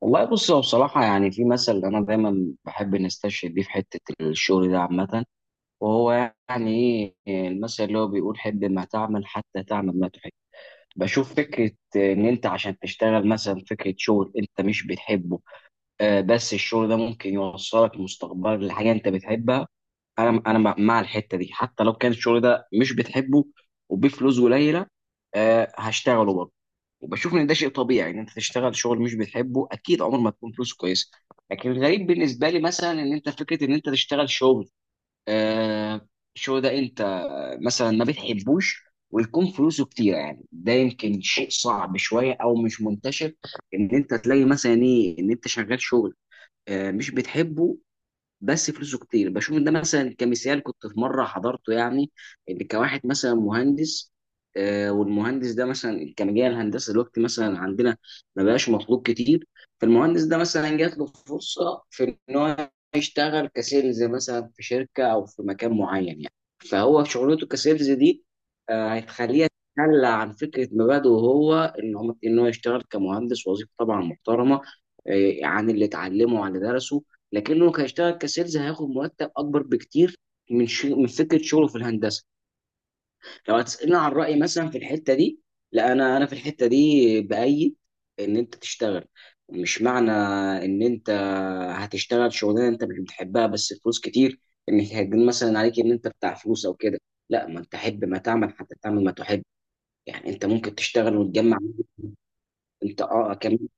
والله بص، هو بصراحة يعني في مثل أنا دايما بحب نستشهد بيه في حتة الشغل ده عامة. وهو يعني إيه المثل اللي هو بيقول؟ حب ما تعمل حتى تعمل ما تحب. بشوف فكرة إن أنت عشان تشتغل مثلا، فكرة شغل أنت مش بتحبه، بس الشغل ده ممكن يوصلك مستقبلك لحاجة أنت بتحبها. أنا مع الحتة دي حتى لو كان الشغل ده مش بتحبه وبفلوس قليلة، هشتغله برضه. وبشوف ان ده شيء طبيعي ان انت تشتغل شغل مش بتحبه، اكيد عمر ما تكون فلوسه كويسه. لكن الغريب بالنسبه لي مثلا، ان انت فكره ان انت تشتغل شغل، آه شغل ده انت، مثلا ما بتحبوش، ويكون فلوسه كتيره، يعني ده يمكن شيء صعب شويه او مش منتشر ان انت تلاقي مثلا ايه ان انت شغال شغل مش بتحبه بس فلوسه كتير. بشوف ان ده مثلا كمثال كنت في مره حضرته، يعني ان كواحد مثلا مهندس، والمهندس ده مثلا كان جاي الهندسه دلوقتي مثلا عندنا ما بقاش مطلوب كتير. فالمهندس ده مثلا جات له فرصه في ان هو يشتغل كسيلز مثلا في شركه او في مكان معين يعني. فهو شغلته كسيلز دي هتخليه يتخلى عن فكره مبادئه هو، ان هو يشتغل كمهندس، وظيفه طبعا محترمه، عن اللي اتعلمه وعن اللي درسه، لكنه هيشتغل كسيلز، هياخد مرتب اكبر بكتير من فكره شغله في الهندسه. لو هتسالني عن رايي مثلا في الحته دي، لا انا في الحته دي بايد ان انت تشتغل. مش معنى ان انت هتشتغل شغلانه انت مش بتحبها بس فلوس كتير، ان هيجن مثلا عليك ان انت بتاع فلوس او كده. لا، ما انت حب ما تعمل حتى تعمل ما تحب. يعني انت ممكن تشتغل وتجمع. انت اه كمان.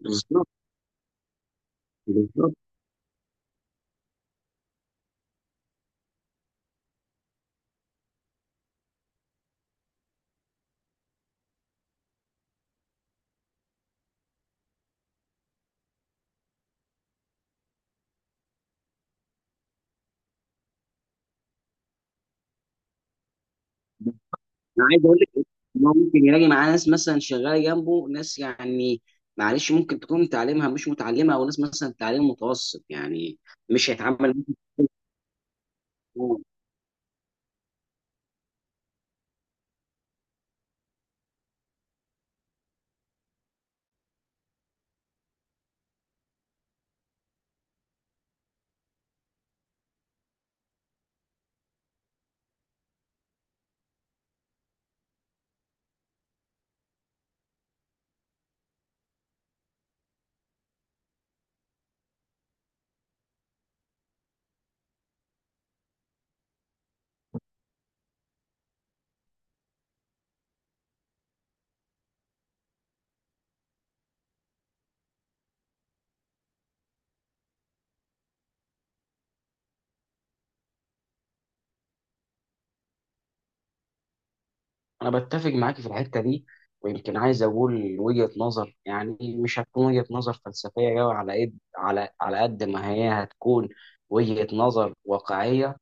بالظبط. بالظبط. انا عايز اقول لك ان هو ممكن يلاقي معاه ناس مثلا شغاله جنبه، ناس يعني معلش ممكن تكون تعليمها مش متعلمه او ناس مثلا تعليم متوسط يعني. مش هيتعامل معاهم. انا بتفق معاك في الحته دي. ويمكن عايز اقول وجهه نظر يعني مش هتكون وجهه نظر فلسفيه قوي على قد على قد ما هي هتكون وجهه نظر واقعيه.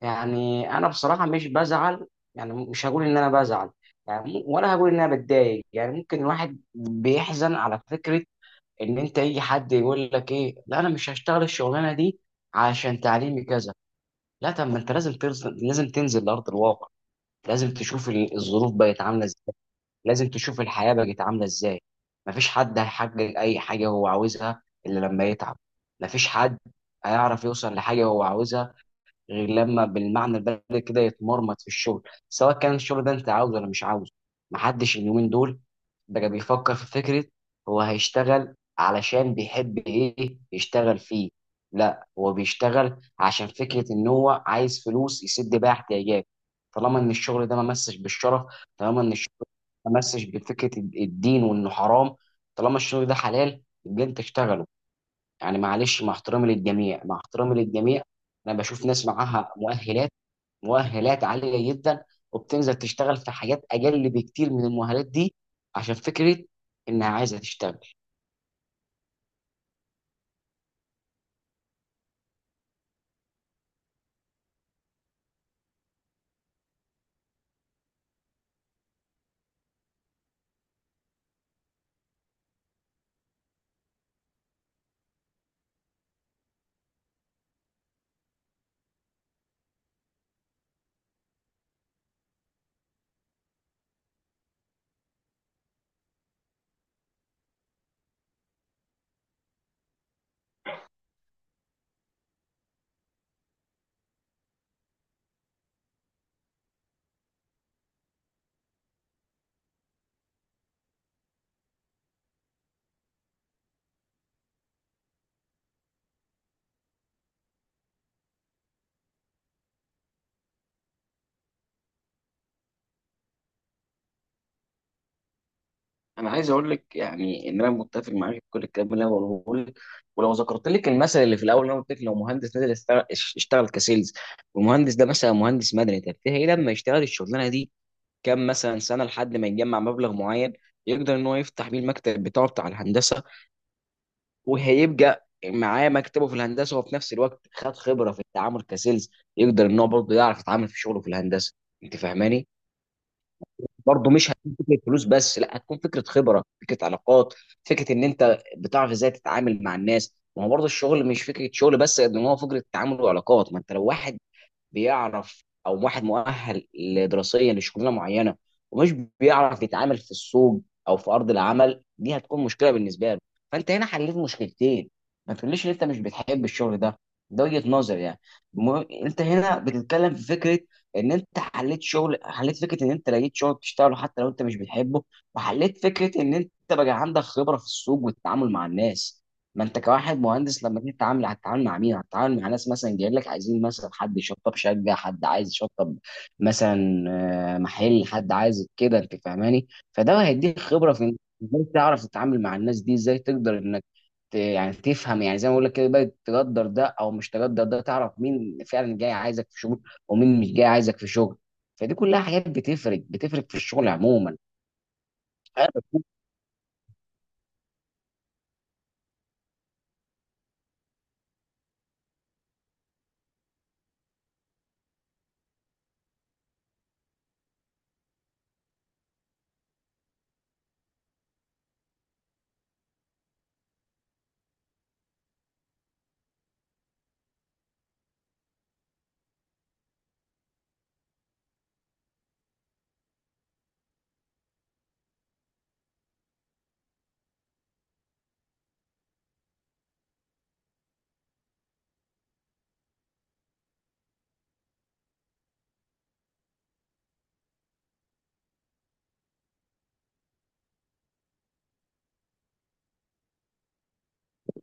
يعني انا بصراحه مش بزعل، يعني مش هقول ان انا بزعل، يعني ولا هقول ان انا بتضايق، يعني ممكن الواحد بيحزن على فكره ان انت يجي حد يقول لك ايه، لا انا مش هشتغل الشغلانه دي عشان تعليمي كذا. لا، طب ما انت لازم تنزل، لازم تنزل لارض الواقع. لازم تشوف الظروف بقت عامله ازاي. لازم تشوف الحياه بقت عامله ازاي. مفيش حد هيحقق اي حاجه هو عاوزها الا لما يتعب. مفيش حد هيعرف يوصل لحاجه هو عاوزها غير لما بالمعنى البلدي كده يتمرمط في الشغل، سواء كان الشغل ده انت عاوزه ولا مش عاوزه. محدش اليومين دول بقى بيفكر في فكرة هو هيشتغل علشان بيحب ايه يشتغل فيه، لا هو بيشتغل عشان فكرة ان هو عايز فلوس يسد بيها احتياجاته. طالما ان الشغل ده ما مسش بالشرف، طالما ان الشغل ده ما مسش بفكرة الدين وانه حرام، طالما الشغل ده حلال يبقى انت اشتغله. يعني معلش، مع احترامي للجميع، مع احترامي للجميع، انا بشوف ناس معاها مؤهلات، مؤهلات عاليه جدا، وبتنزل تشتغل في حاجات اقل بكتير من المؤهلات دي عشان فكره انها عايزه تشتغل. انا عايز اقول لك يعني ان انا متفق معاك في كل الكلام اللي انا بقوله لك، ولو ذكرت لك المثل اللي في الاول اللي انا قلت لك، لو مهندس نزل يشتغل، اشتغل كسيلز، والمهندس ده مثلا مهندس مدني، طب تلاقيه لما يشتغل الشغلانه دي كام مثلا سنه لحد ما يجمع مبلغ معين يقدر ان هو يفتح بيه المكتب بتاعه بتاع الهندسه. وهيبقى معاه مكتبه في الهندسه، وفي نفس الوقت خد خبره في التعامل كسيلز، يقدر ان هو برضه يعرف يتعامل في شغله في الهندسه. انت فاهماني؟ برضه مش هتكون فكره فلوس بس، لا هتكون فكره خبره، فكره علاقات، فكره ان انت بتعرف ازاي تتعامل مع الناس. ما هو برضه الشغل مش فكره شغل بس قد ما هو فكره تعامل وعلاقات. ما انت لو واحد بيعرف او واحد مؤهل دراسيا لشغلانه معينه ومش بيعرف يتعامل في السوق او في ارض العمل، دي هتكون مشكله بالنسبه له. فانت هنا حليت مشكلتين. ما تقوليش ان انت مش بتحب الشغل ده، ده وجهه نظر يعني. انت هنا بتتكلم في فكره ان انت حليت شغل، حليت فكره ان انت لقيت شغل تشتغله حتى لو انت مش بتحبه، وحليت فكره ان انت بقى عندك خبره في السوق والتعامل مع الناس. ما انت كواحد مهندس لما تيجي تتعامل هتتعامل مع مين؟ هتتعامل مع ناس مثلا جايين لك عايزين مثلا حد يشطب شقه، حد عايز يشطب مثلا، محل، حد عايز كده، انت فاهماني؟ فده هيديك خبره في انك ازاي تعرف تتعامل مع الناس دي، ازاي تقدر انك يعني تفهم، يعني زي ما بقول لك كده بقى، تقدر ده او مش تقدر ده، تعرف مين فعلا جاي عايزك في شغل ومين مش جاي عايزك في شغل. فدي كلها حاجات بتفرق في الشغل عموما.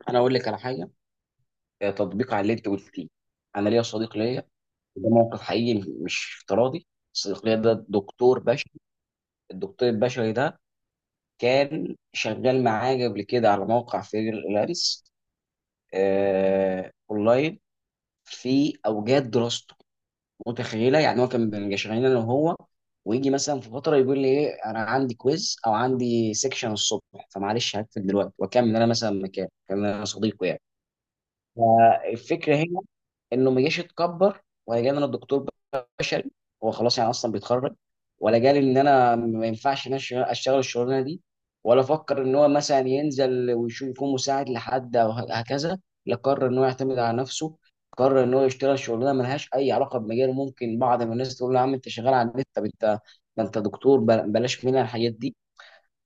انا اقول لك على حاجه، تطبيق على اللي انت قلتيه. انا ليا صديق ليا، ده موقف حقيقي مش افتراضي. الصديقية ده دكتور بشري. الدكتور البشري ده كان شغال معايا قبل كده على موقع فريلانس اونلاين في اوجات دراسته. متخيله، يعني هو كان بنبقى شغالين انا وهو، ويجي مثلا في فتره يقول لي ايه انا عندي كويز او عندي سيكشن الصبح، فمعلش هقفل دلوقتي واكمل، انا مثلا مكان كان انا صديقه يعني. فالفكره هنا انه ما جاش اتكبر ولا جالي انا دكتور بشري هو خلاص يعني اصلا بيتخرج، ولا جالي ان انا ما ينفعش ان انا اشتغل الشغلانه دي، ولا فكر ان هو مثلا ينزل ويشوف يكون مساعد لحد او هكذا. لا، قرر ان هو يعتمد على نفسه. قرر ان هو يشتغل شغلانه ملهاش اي علاقه بمجاله. ممكن بعض من الناس تقول له يا عم انت شغال على النت، طب انت ده انت دكتور، بلاش منها الحاجات دي.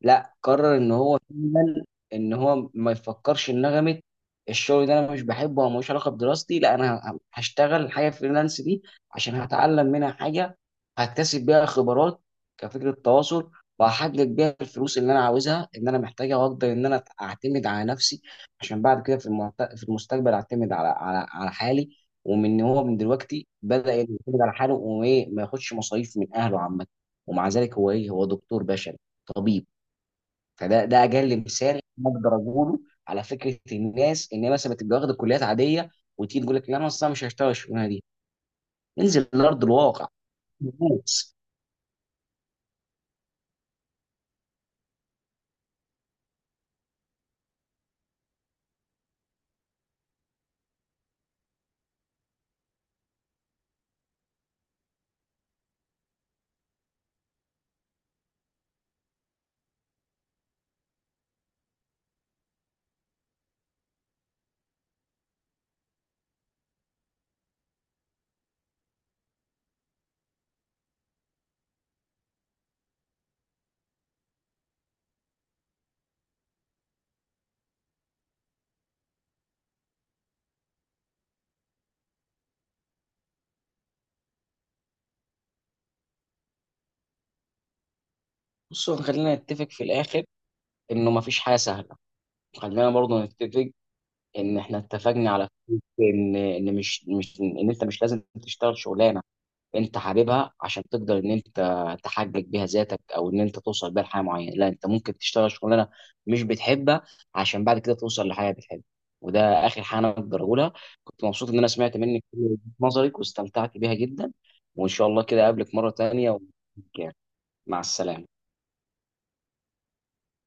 لا، قرر ان هو فعلا ان هو ما يفكرش ان نغمه الشغل ده انا مش بحبه او ملوش علاقه بدراستي. لا، انا هشتغل الحاجه فريلانس دي عشان هتعلم منها حاجه، هكتسب بيها خبرات كفكره تواصل، وهحقق بيها الفلوس اللي انا عاوزها ان انا محتاجها، واقدر ان انا اعتمد على نفسي عشان بعد كده في المستقبل اعتمد على حالي. ومن هو من دلوقتي بدأ يعتمد على حاله وايه ما ياخدش مصاريف من اهله عامه. ومع ذلك هو ايه، هو دكتور بشري، طبيب. فده ده اجل مثال اقدر اقوله على فكره الناس ان هي مثلا بتبقى واخده كليات عاديه وتيجي تقول لك لا انا اصلا مش هشتغل الشغلانه دي. انزل لارض الواقع. بص بصوا، خلينا نتفق في الاخر انه ما فيش حاجه سهله. خلينا برضو نتفق ان احنا اتفقنا على فكرة ان مش ان انت مش لازم تشتغل شغلانه انت حاببها عشان تقدر ان انت تحقق بيها ذاتك او ان انت توصل بيها لحاجه معينه. لا، انت ممكن تشتغل شغلانه مش بتحبها عشان بعد كده توصل لحاجه بتحبها. وده اخر حاجه انا اقدر اقولها. كنت مبسوط ان انا سمعت منك كل وجهة نظرك واستمتعت بيها جدا، وان شاء الله كده اقابلك مره تانية و مع السلامه.